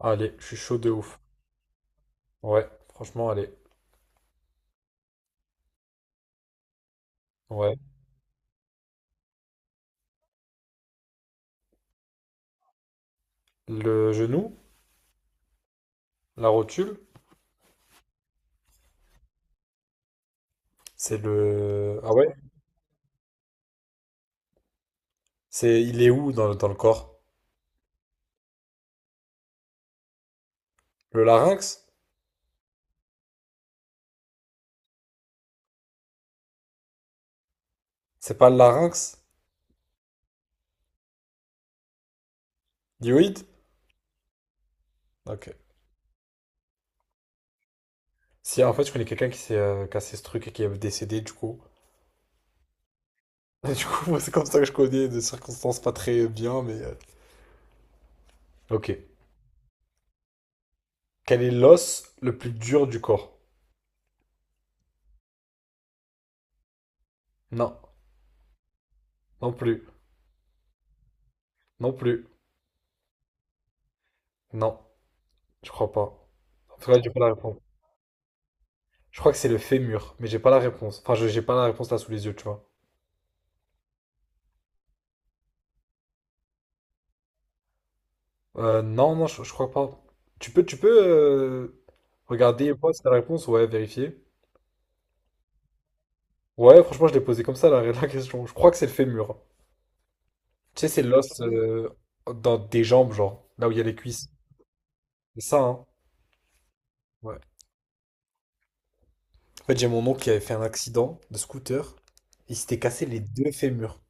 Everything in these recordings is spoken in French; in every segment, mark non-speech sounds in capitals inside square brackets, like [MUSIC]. Allez, je suis chaud de ouf. Ouais, franchement, allez. Ouais. Le genou, la rotule, c'est le... Ah ouais? C'est... Il est où dans le corps? Le larynx? C'est pas le larynx? Dioïde? Ok. Si, en fait, je connais quelqu'un qui s'est cassé ce truc et qui est décédé, du coup. [LAUGHS] Du coup, moi, c'est comme ça que je connais, de circonstances pas très bien, mais... Ok. Quel est l'os le plus dur du corps? Non. Non plus. Non plus. Non. Je crois pas. En tout cas, j'ai pas la réponse. Je crois que c'est le fémur, mais j'ai pas la réponse. Enfin, j'ai pas la réponse là sous les yeux, tu vois. Non, non, je crois pas. Tu peux regarder et voir si t'as la réponse, ouais, vérifier. Ouais, franchement, je l'ai posé comme ça la, [LAUGHS] la question. Je crois que c'est le fémur. Tu sais, c'est l'os dans des jambes, genre, là où il y a les cuisses. C'est ça, hein. Ouais. En fait, j'ai mon oncle qui avait fait un accident de scooter. Il s'était cassé les deux fémurs.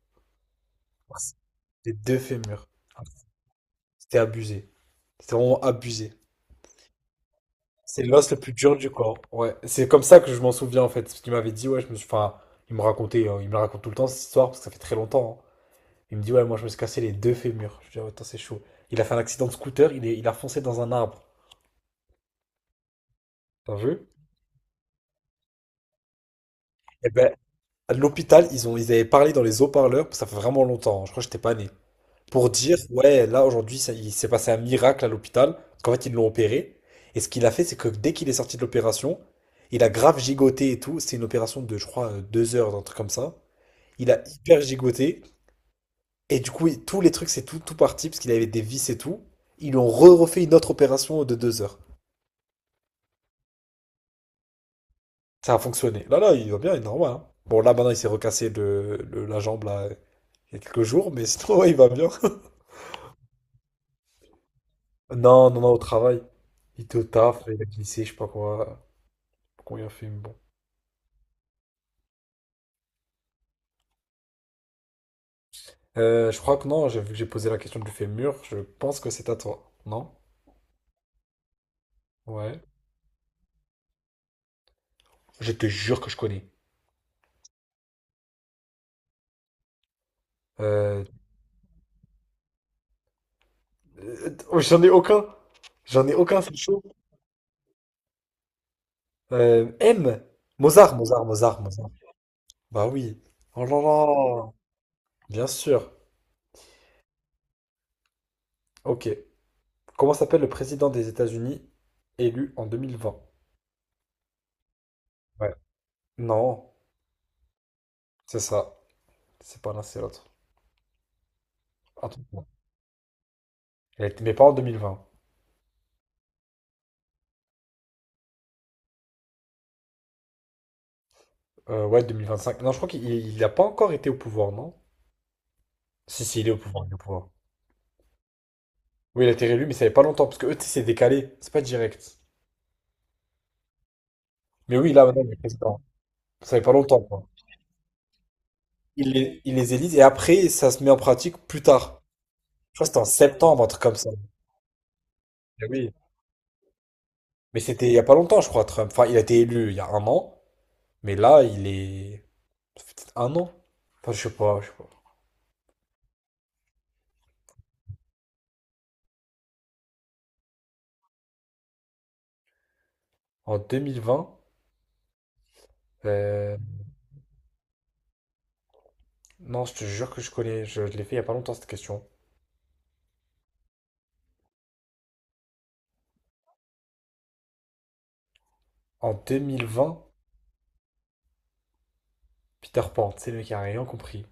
Les deux fémurs. C'était abusé. C'était vraiment abusé. C'est l'os le plus dur du corps. Ouais, c'est comme ça que je m'en souviens en fait. Parce qu'il m'avait dit, ouais, je me suis. Enfin, il me racontait, il me la raconte tout le temps cette histoire parce que ça fait très longtemps, hein. Il me dit, ouais, moi je me suis cassé les deux fémurs. Je dis, ah, ouais, attends, c'est chaud. Il a fait un accident de scooter, il a foncé dans un arbre. T'as vu? Et ben, à l'hôpital, ils avaient parlé dans les haut-parleurs, ça fait vraiment longtemps, hein, je crois que j'étais pas né. Pour dire, ouais, là aujourd'hui, il s'est passé un miracle à l'hôpital. Parce qu'en fait, ils l'ont opéré. Et ce qu'il a fait, c'est que dès qu'il est sorti de l'opération, il a grave gigoté et tout. C'est une opération de, je crois, 2 heures, un truc comme ça. Il a hyper gigoté. Et du coup, tous les trucs, c'est tout, tout parti, parce qu'il avait des vis et tout. Ils lui ont re-refait une autre opération de 2 heures. Ça a fonctionné. Là, là, il va bien, il est normal, hein. Bon, là, maintenant, il s'est recassé la jambe, là, il y a quelques jours, mais [LAUGHS] sinon, ouais, il va bien. [LAUGHS] Non, non, non, au travail. Il était au taf, il a glissé, je sais pas quoi. Combien il a fait, mais bon. Je crois que non, vu que j'ai posé la question du fémur, je pense que c'est à toi. Non? Ouais. Je te jure que je connais. Euh, oh, j'en ai aucun. J'en ai aucun, c'est chaud. M. Mozart, Mozart, Mozart, Mozart. Bah oui. Oh là là. Bien sûr. Ok. Comment s'appelle le président des États-Unis élu en 2020? Ouais. Non, c'est ça. C'est pas l'un, c'est l'autre. Attends. Mais pas en 2020. Ouais, 2025. Non, je crois qu'il n'a pas encore été au pouvoir, non? Si, si, il est au pouvoir, il est au pouvoir. Oui, il a été réélu, mais ça fait pas longtemps, parce que eux, tu sais, c'est décalé. C'est pas direct. Mais oui, là, maintenant, il est président. Ça fait pas longtemps, quoi. Il les élise, et après, ça se met en pratique plus tard. Je crois que c'était en septembre, un truc comme ça. Eh oui. Mais c'était il y a pas longtemps, je crois, Trump. Enfin, il a été élu il y a un an, mais là, il est. Ça fait peut-être un an. Enfin, je sais pas, je sais pas. En 2020. euh, Non, je te jure que je connais. Je l'ai fait il y a pas longtemps, cette question. En 2020, Peter Pan, c'est le mec qui a rien compris.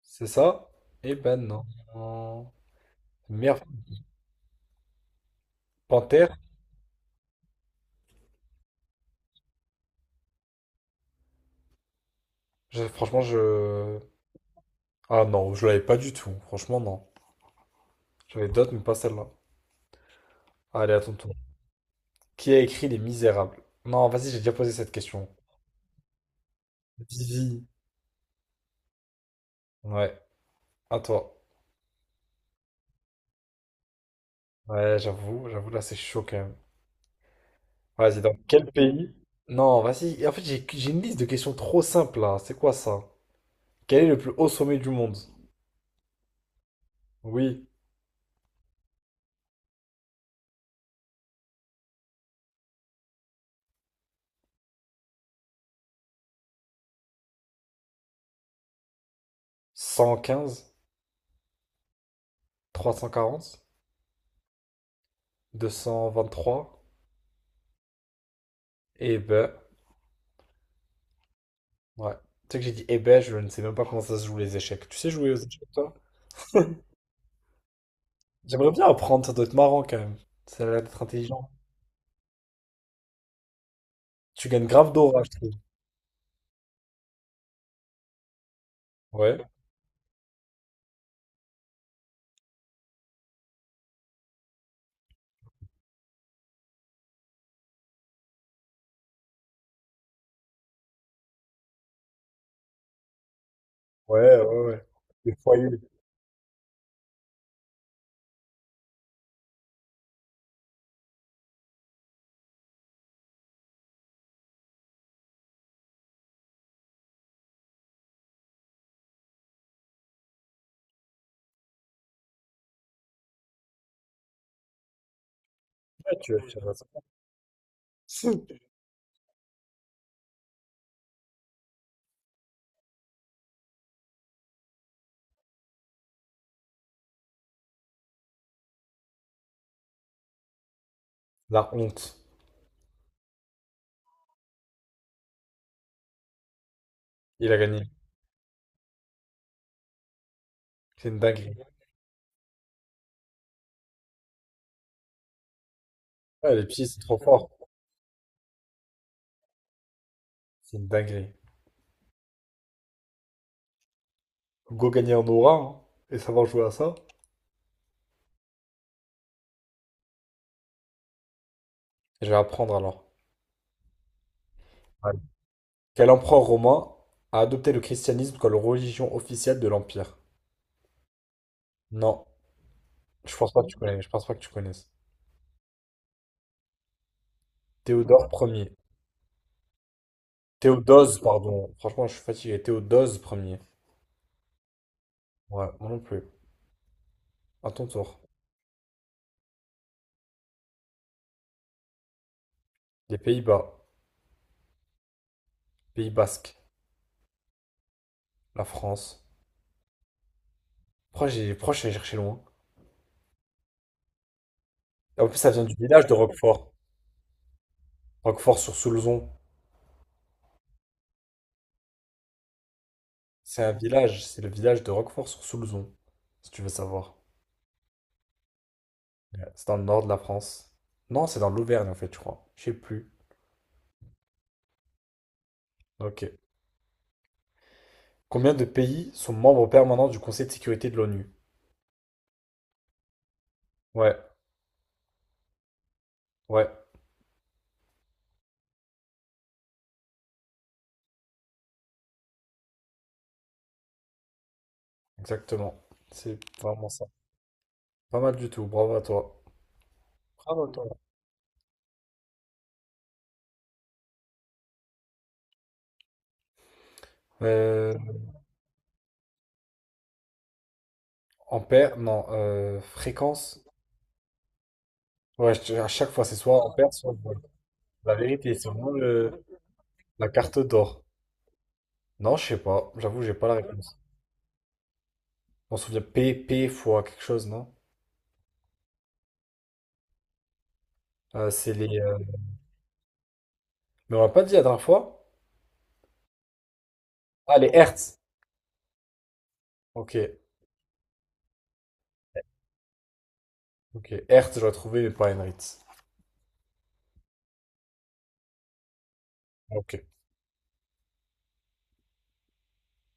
C'est ça? Eh ben non. Meilleur film de panthère? Franchement, je. Ah non, je l'avais pas du tout. Franchement, non. J'avais d'autres, mais pas celle-là. Allez, attends. Qui a écrit Les Misérables? Non, vas-y, j'ai déjà posé cette question. Vivi. Ouais, à toi. Ouais, j'avoue, j'avoue, là c'est chaud quand même. Vas-y, dans quel pays? Non, vas-y. Et en fait, j'ai une liste de questions trop simples là. C'est quoi ça? Quel est le plus haut sommet du monde? Oui, 115, 340, 223. Eh ben, ouais. Tu sais que j'ai dit eh ben, je ne sais même pas comment ça se joue les échecs. Tu sais jouer aux échecs, toi? J'aimerais bien apprendre, ça doit être marrant quand même. Ça a l'air d'être intelligent. Tu gagnes grave d'orage. Ouais. Ouais, ouais, ouais. Des foyers, ouais, tu vas faire ça. [LAUGHS] La honte. Il a gagné. C'est une dinguerie. Ouais, les petits, c'est trop fort. C'est une dinguerie. Go gagner en aura, hein, et savoir jouer à ça. Je vais apprendre alors. Ouais. Quel empereur romain a adopté le christianisme comme religion officielle de l'Empire? Non, je pense pas que tu connais. Je pense pas que tu connaisses. Théodore premier. Théodose, pardon. Franchement, je suis fatigué. Théodose premier. Ouais, moi non plus. À ton tour. Les Pays-Bas. Pays Basque. La France. Pourquoi je suis allé chercher loin? En plus, ça vient du village de Roquefort. Roquefort sur Soulzon. C'est un village, c'est le village de Roquefort sur Soulzon, si tu veux savoir. Ouais. C'est dans le nord de la France. Non, c'est dans l'Auvergne en fait, je crois. Je sais plus. Ok. Combien de pays sont membres permanents du Conseil de sécurité de l'ONU? Ouais, ouais, exactement. C'est vraiment ça. Pas mal du tout, bravo à toi. Bravo à toi. Euh, ampère, non, fréquence. Ouais, à chaque fois, c'est soit ampère, soit vol. La vérité, c'est vraiment la carte d'or. Non, je sais pas. J'avoue, j'ai pas la réponse. On se souvient, P, P fois quelque chose, non? C'est les. Mais on m'a pas dit la dernière fois. Ah, les Hertz. Ok. Ok. Hertz, j'aurais trouvé, mais pas Henritz. Ok.